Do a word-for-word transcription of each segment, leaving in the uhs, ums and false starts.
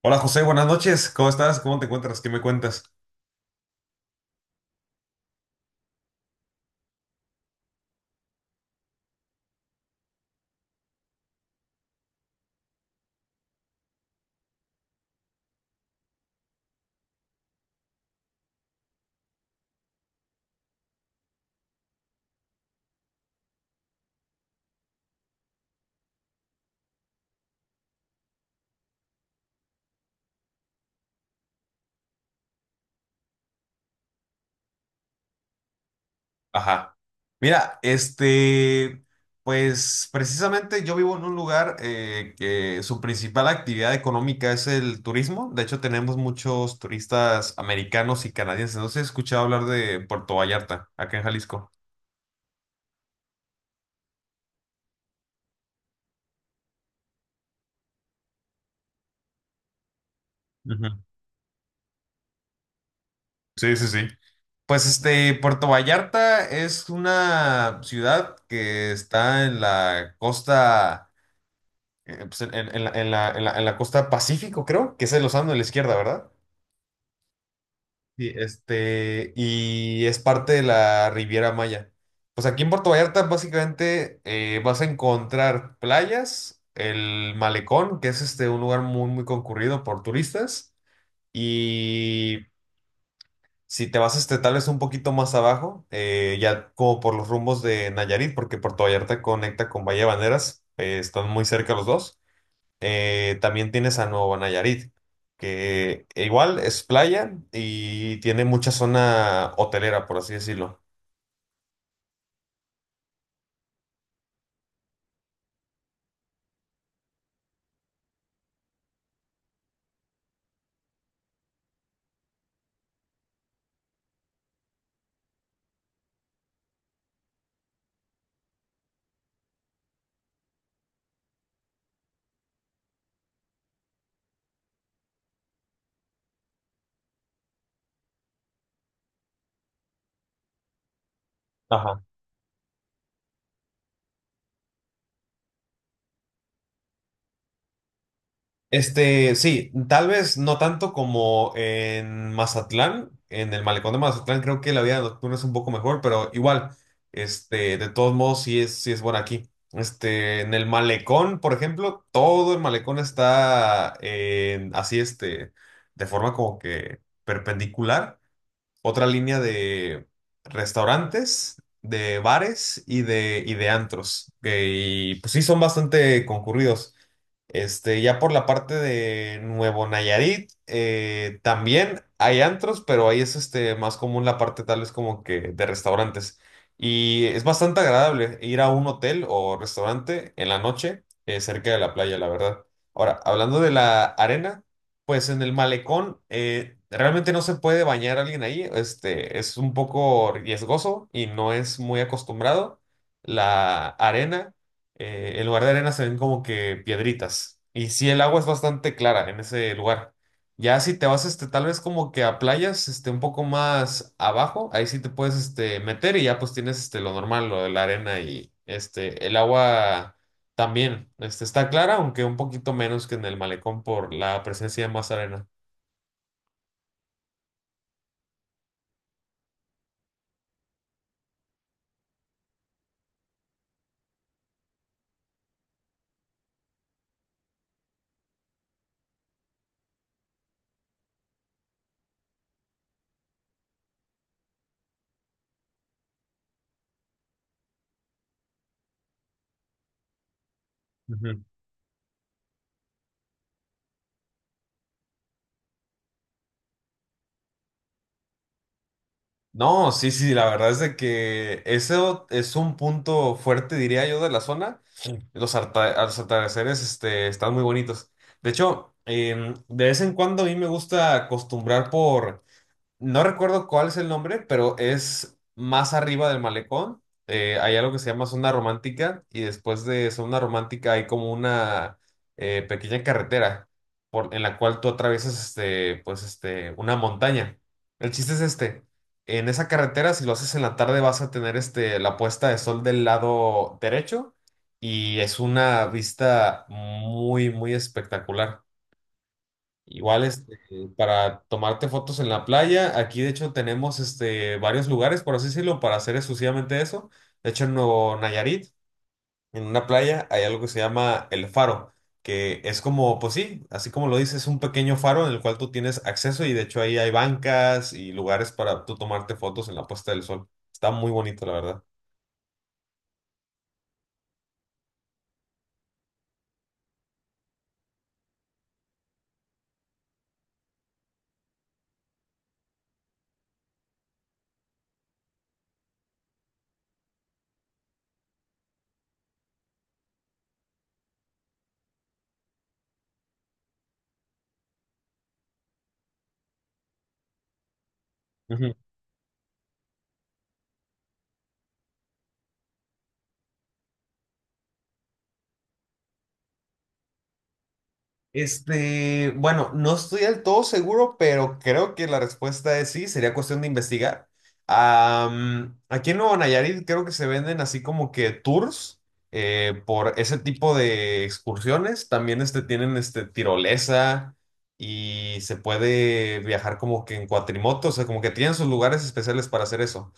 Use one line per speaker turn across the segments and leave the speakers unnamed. Hola José, buenas noches. ¿Cómo estás? ¿Cómo te encuentras? ¿Qué me cuentas? Ajá. Mira, este, pues precisamente yo vivo en un lugar eh, que su principal actividad económica es el turismo. De hecho, tenemos muchos turistas americanos y canadienses. No sé si has escuchado hablar de Puerto Vallarta, acá en Jalisco. Ujú. Sí, sí, sí. Pues este, Puerto Vallarta es una ciudad que está en la costa eh, pues, en, en- en la, en la- en la- en la costa Pacífico, creo, que es el océano de la izquierda, ¿verdad? Sí, este, y es parte de la Riviera Maya. Pues aquí en Puerto Vallarta básicamente eh, vas a encontrar playas, el malecón, que es este, un lugar muy, muy concurrido por turistas, y si te vas este, tal vez un poquito más abajo, eh, ya como por los rumbos de Nayarit, porque Puerto Vallarta conecta con Bahía Banderas, eh, están muy cerca los dos. Eh, también tienes a Nuevo Nayarit, que eh, igual es playa y tiene mucha zona hotelera, por así decirlo. Ajá. Este, sí, tal vez no tanto como en Mazatlán. En el malecón de Mazatlán creo que la vida nocturna es un poco mejor, pero igual, este, de todos modos sí es, sí es buena aquí. Este, en el malecón, por ejemplo, todo el malecón está en- así, este, de forma como que perpendicular. Otra línea de restaurantes, de bares y de, y de antros que- y pues sí, son bastante concurridos. Este, ya por la parte de Nuevo Nayarit, eh, también hay antros, pero ahí es este, más común la parte tal vez como que de restaurantes. Y es bastante agradable ir a un hotel o restaurante en la noche, eh, cerca de la playa, la verdad. Ahora, hablando de la arena. Pues en el malecón eh, realmente no se puede bañar alguien ahí, este, es un poco riesgoso y no es muy acostumbrado. La arena, eh, en lugar de arena se ven como que piedritas y sí el agua es bastante clara en ese lugar. Ya si te vas este, tal vez como que a playas este, un poco más abajo, ahí sí te puedes este, meter y ya pues tienes este, lo normal, lo de la arena y este, el agua. También, este, está clara, aunque un poquito menos que en el malecón por la presencia de más arena. Ujú. No, sí, sí, la verdad es de que eso es un punto fuerte, diría yo, de la zona. Sí. Los, arta- los atardeceres, este, están muy bonitos. De hecho, em, de vez en cuando a mí me gusta acostumbrar por No recuerdo cuál es el nombre, pero es más arriba del malecón. Eh, hay algo que se llama zona romántica y después de zona romántica hay como una eh, pequeña carretera por, en la cual tú atraviesas este, pues este, una montaña. El chiste es este. En esa carretera, si lo haces en la tarde, vas a tener este, la puesta de sol del lado derecho y es una vista muy, muy espectacular. Igual, este, para tomarte fotos en la playa, aquí de hecho tenemos este, varios lugares, por así decirlo, para hacer exclusivamente eso. De hecho, en Nuevo Nayarit, en una playa, hay algo que se llama El Faro, que es como, pues sí, así como lo dices, es un pequeño faro en el cual tú tienes acceso y de hecho ahí hay bancas y lugares para tú tomarte fotos en la puesta del sol. Está muy bonito, la verdad. Este, bueno, no estoy del todo seguro, pero creo que la respuesta es sí, sería cuestión de investigar. Am, aquí en Nuevo Nayarit creo que se venden así como que tours eh, por ese tipo de excursiones. También este, tienen este, tirolesa y se puede viajar como que en cuatrimoto, o sea, como que tienen sus lugares especiales para hacer eso.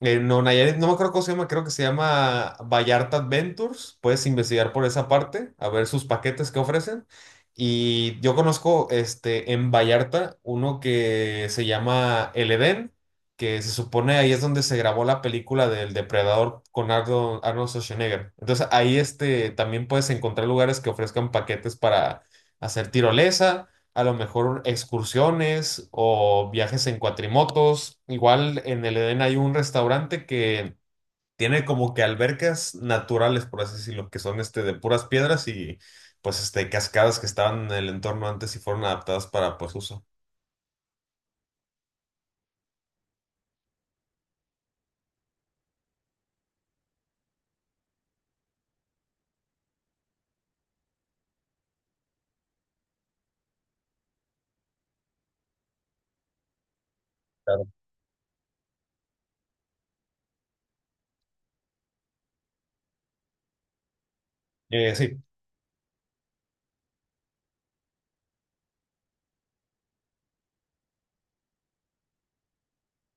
Eh, no, Nayarit, no me acuerdo cómo se llama, creo que se llama Vallarta Adventures. Puedes investigar por esa parte, a ver sus paquetes que ofrecen. Y yo conozco este, en Vallarta uno que se llama El Edén, que se supone ahí es donde se grabó la película del Depredador con Ardo- Arnold Schwarzenegger. Entonces ahí este, también puedes encontrar lugares que ofrezcan paquetes para hacer tirolesa a lo mejor excursiones o viajes en cuatrimotos. Igual en el Edén hay un restaurante que tiene como que albercas naturales, por así decirlo, que son este de puras piedras y pues este cascadas que estaban en el entorno antes y fueron adaptadas para pues uso. Claro. Eh, sí.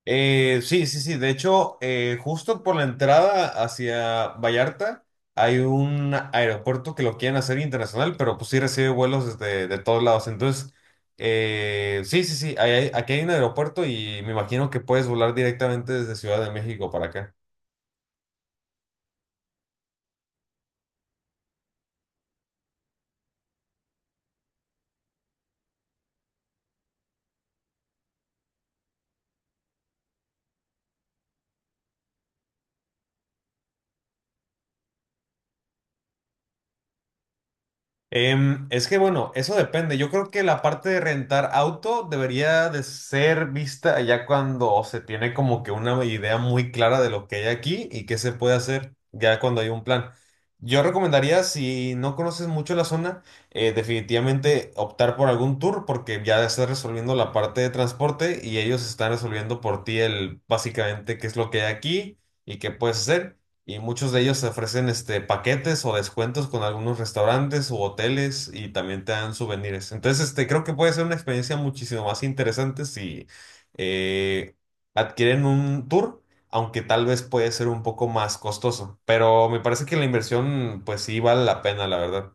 Eh, sí, sí, sí. De hecho, eh, justo por la entrada hacia Vallarta hay un aeropuerto que lo quieren hacer internacional, pero pues sí recibe vuelos desde de todos lados. Entonces, eh, sí, sí, sí. ahí hay- aquí hay un aeropuerto y me imagino que puedes volar directamente desde Ciudad de México para acá. Em, es que bueno, eso depende. Yo creo que la parte de rentar auto debería de ser vista ya cuando se tiene como que una idea muy clara de lo que hay aquí y qué se puede hacer ya cuando hay un plan. Yo recomendaría, si no conoces mucho la zona, eh, definitivamente optar por algún tour porque ya estás resolviendo la parte de transporte y ellos están resolviendo por ti el básicamente qué es lo que hay aquí y qué puedes hacer. Y muchos de ellos ofrecen este, paquetes o descuentos con algunos restaurantes u hoteles y también te dan souvenirs. Entonces, este, creo que puede ser una experiencia muchísimo más interesante si eh, adquieren un tour, aunque tal vez puede ser un poco más costoso. Pero me parece que la inversión, pues sí vale la pena, la verdad.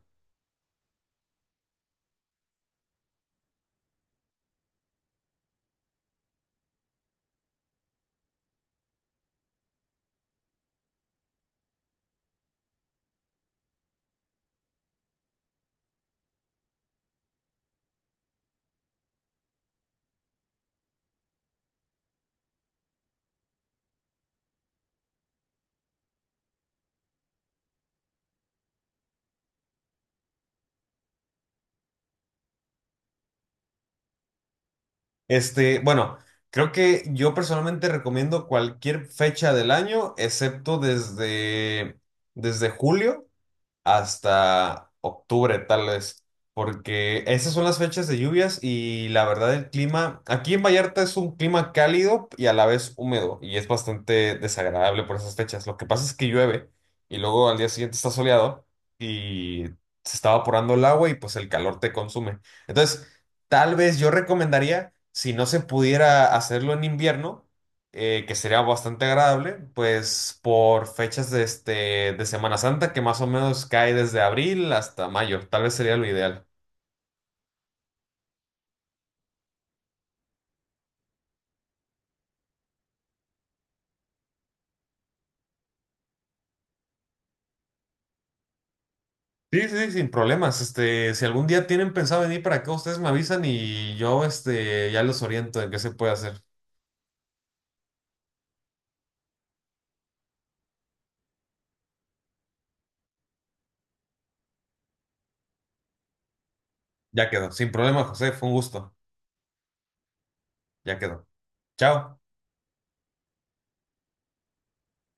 Este, bueno, creo que yo personalmente recomiendo cualquier fecha del año, excepto desde, desde julio hasta octubre, tal vez, porque esas son las fechas de lluvias y la verdad el clima, aquí en Vallarta es un clima cálido y a la vez húmedo y es bastante desagradable por esas fechas. Lo que pasa es que llueve y luego al día siguiente está soleado y se está evaporando el agua y pues el calor te consume. Entonces, tal vez yo recomendaría, si no se pudiera hacerlo en invierno, eh, que sería bastante agradable, pues por fechas de, este, de Semana Santa, que más o menos cae desde abril hasta mayo, tal vez sería lo ideal. Sí, sí, sin problemas. Este, si algún día tienen pensado venir para acá, ustedes me avisan y yo, este, ya los oriento en qué se puede hacer. Ya quedó. Sin problema, José, fue un gusto. Ya quedó. Chao.